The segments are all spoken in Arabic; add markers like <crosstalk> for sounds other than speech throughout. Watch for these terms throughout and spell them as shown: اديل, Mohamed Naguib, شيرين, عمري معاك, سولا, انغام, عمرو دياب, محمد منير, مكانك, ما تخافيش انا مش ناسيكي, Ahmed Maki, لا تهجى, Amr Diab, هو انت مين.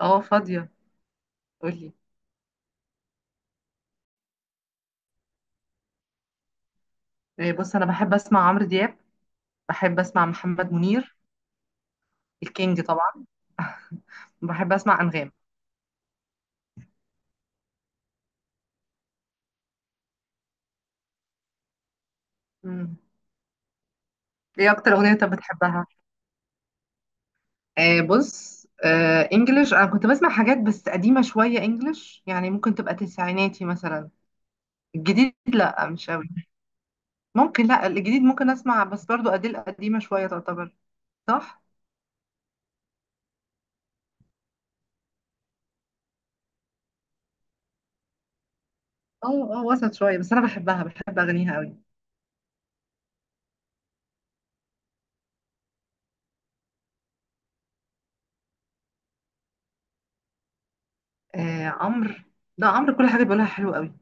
اه، فاضية. قولي. إيه، بص انا بحب اسمع عمرو دياب، بحب اسمع محمد منير، الكينج طبعا، بحب اسمع انغام. مم. ايه اكتر اغنية انت بتحبها؟ بص، انجلش انا كنت بسمع حاجات بس قديمة شوية، انجلش يعني ممكن تبقى تسعيناتي مثلا. الجديد لا، مش قوي. ممكن، لا الجديد ممكن اسمع، بس برضو اديل قديمة شوية تعتبر. صح. اه اه، وسط شوية، بس انا بحبها، بحب اغانيها قوي. عمرو، لا عمرو كل حاجة بيقولها حلوة قوي.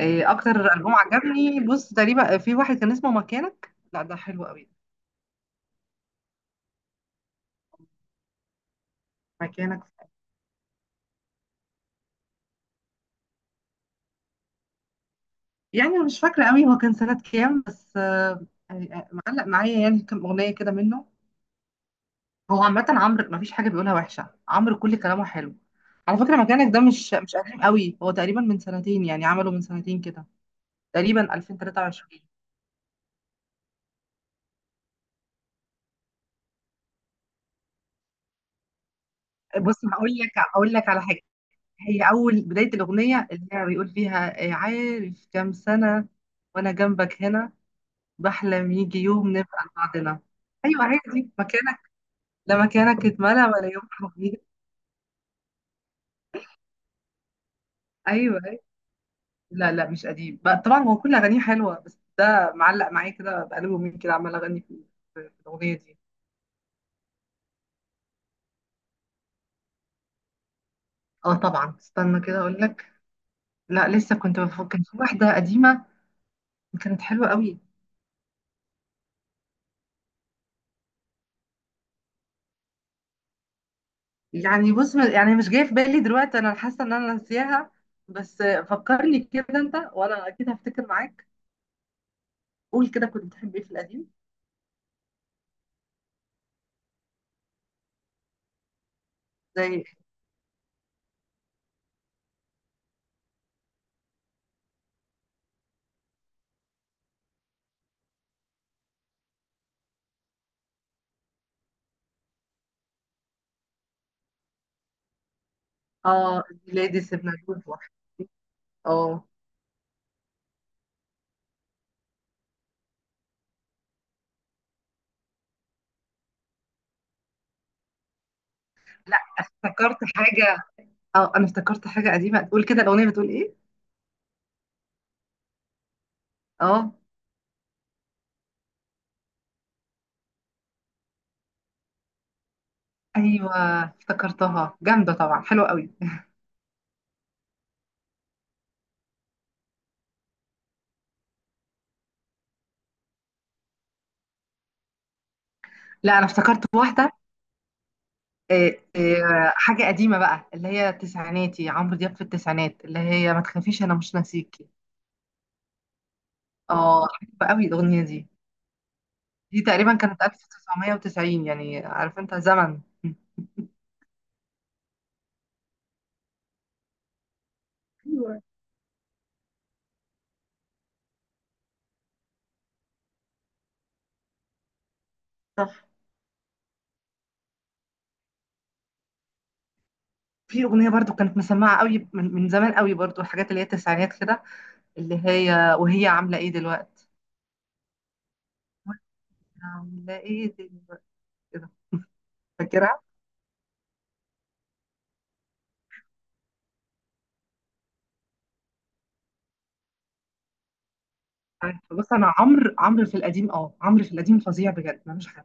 إيه اكتر البوم عجبني، بص تقريبا في واحد كان اسمه مكانك، لا ده حلو قوي. مكانك. يعني أنا مش فاكره قوي هو كان سنه كام، بس معلق معايا يعني كم اغنيه كده منه. هو عامه عمرو ما فيش حاجه بيقولها وحشه، عمرو كل كلامه حلو. على فكره مكانك ده مش قديم قوي، هو تقريبا من سنتين، يعني عمله من سنتين كده. تقريبا 2023. بص هقول لك على حاجه، هي اول بدايه الاغنيه اللي هي بيقول فيها عارف كام سنه وانا جنبك هنا، بحلم يجي يوم نبقى لبعضنا. ايوه عادي، مكانك. لا مكانك، اتملى، ولا يوم حبيبي. ايوه، أيوة. لا لا مش قديم بقى، طبعا هو كل اغانيه حلوه، بس ده معلق معايا كده بقاله يومين كده عمال اغني في في الاغنيه دي. اه طبعا، استنى كده اقول لك. لا لسه كنت بفكر في واحده قديمه، كانت حلوه قوي. يعني بص، يعني مش جايه في بالي دلوقتي، انا حاسه ان انا ناسياها، بس فكرني كده انت وانا اكيد هفتكر معاك. قول كده، كنت بتحب ايه في القديم؟ زي اه بلادي، سيبنا جروب واحد. اه، لا افتكرت حاجة. اه انا افتكرت حاجة قديمة، تقول كده الأغنية بتقول ايه. اه ايوه، افتكرتها، جامدة طبعا، حلوة قوي. لا انا افتكرت واحدة. حاجة قديمة بقى اللي هي تسعيناتي، عمرو دياب في التسعينات، اللي هي ما تخافيش انا مش ناسيكي. اه حلوة قوي الأغنية دي. دي تقريبا كانت 1990، يعني عارف انت زمن. ايوه. في أغنية برضو كانت مسمعة قوي من زمان قوي برضو، الحاجات اللي هي التسعينات كده، اللي هي وهي عاملة ايه دلوقتي. عاملة ايه دلوقتي كده. فاكرها. عارفة. بص انا عمرو في القديم، اه عمرو في القديم فظيع بجد، ملوش حل.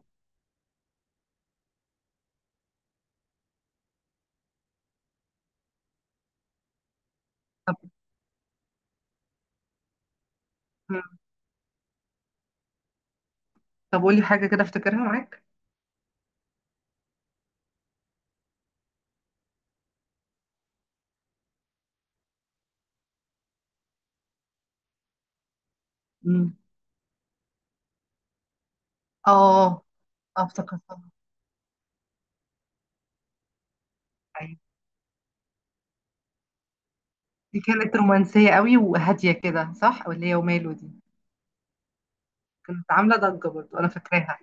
طب. مم. طب قولي حاجة كده افتكرها معاك. مم. اه. اه افتكرتها. أيوة. دي كانت رومانسية قوي وهادية كده، صح، واللي هي وماله دي كانت عاملة ضجة برضه، انا فاكراها.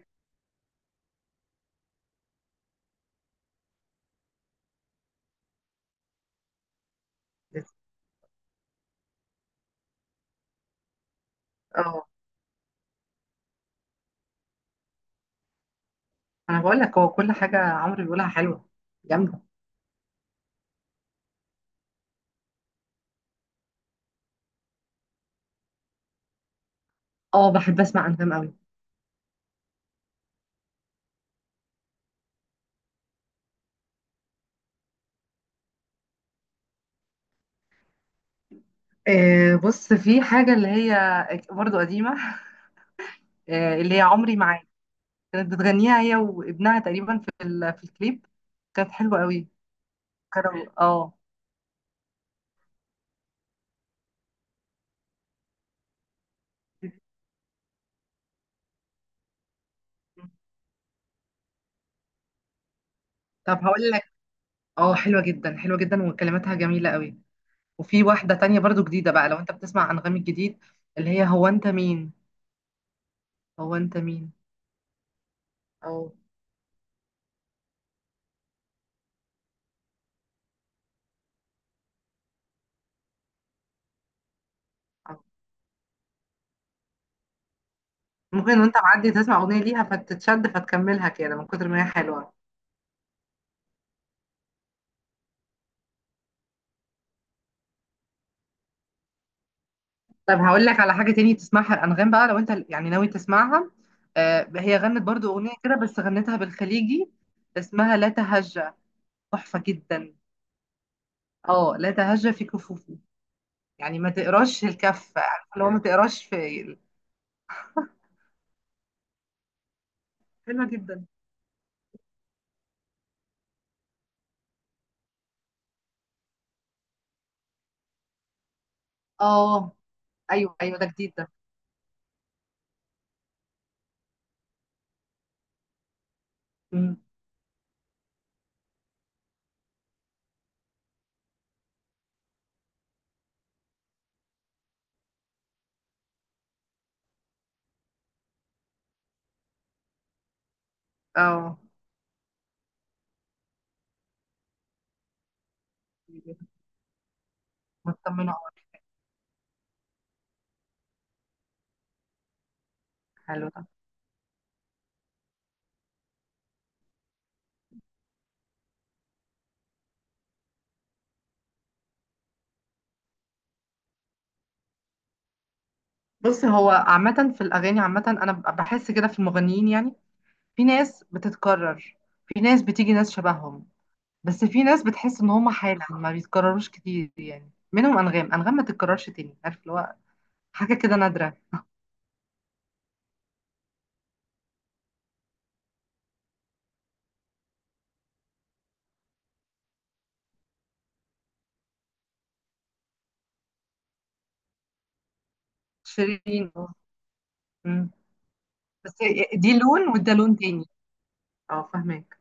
اه، انا بقول لك هو كل حاجة عمرو بيقولها حلوة، جامدة. اه بحب اسمع انغام قوي. آه بص، في حاجة اللي هي برضه قديمة <laughs> اللي هي عمري معاك، كانت بتغنيها هي وابنها تقريبا في في الكليب، كانت حلوة قوي. كانوا اه. طب هقول لك، اه حلوة جدا، حلوة جدا وكلماتها جميلة قوي. وفي واحدة تانية برضو جديدة بقى، لو انت بتسمع انغامي الجديد، اللي هي هو انت مين. هو انت مين. او، أو. ممكن وانت معدي تسمع اغنية ليها فتتشد فتكملها كده من كتر ما هي حلوة. طب هقول لك على حاجة تاني تسمعها الأنغام بقى، لو أنت يعني ناوي تسمعها. آه هي غنت برضو أغنية كده، بس غنتها بالخليجي، اسمها لا تهجى، تحفة جدا. اه لا تهجى في كفوفي، يعني ما تقراش الكف، عارفة اللي هو ما تقراش في. حلوة جدا. اه أيوه أيوه ده جديد ده. مم. اه، مطمنة أوي. حلو ده. بص هو عامة في الأغاني، عامة أنا بحس كده في المغنيين يعني، في ناس بتتكرر، في ناس بتيجي ناس شبههم، بس في ناس بتحس ان هم حالة ما بيتكرروش كتير، يعني منهم انغام، ما تتكررش تاني، عارف اللي هو حاجة كده نادرة. شيرين اه. أمم. بس دي لون وده لون تاني. اه فاهمك.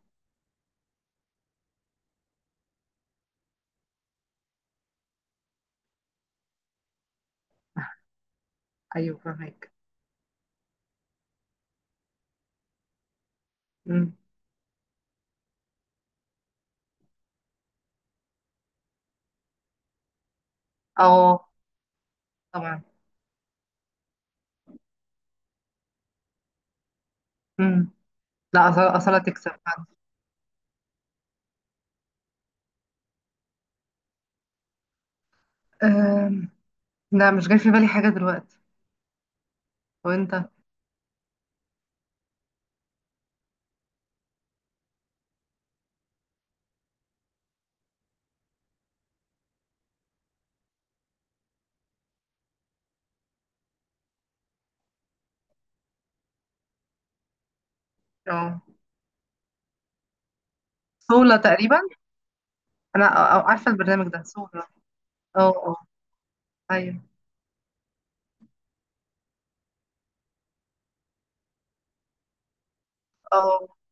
<laughs> ايوه فاهمك. أمم. اه طبعا. أمم. لا اصلا، اصلا تكسب فعلا. أم، لا مش جاي في بالي حاجة دلوقتي. وانت؟ اه سولا تقريبا. انا عارفة البرنامج ده، سولا. اه اه. ايوه. اه.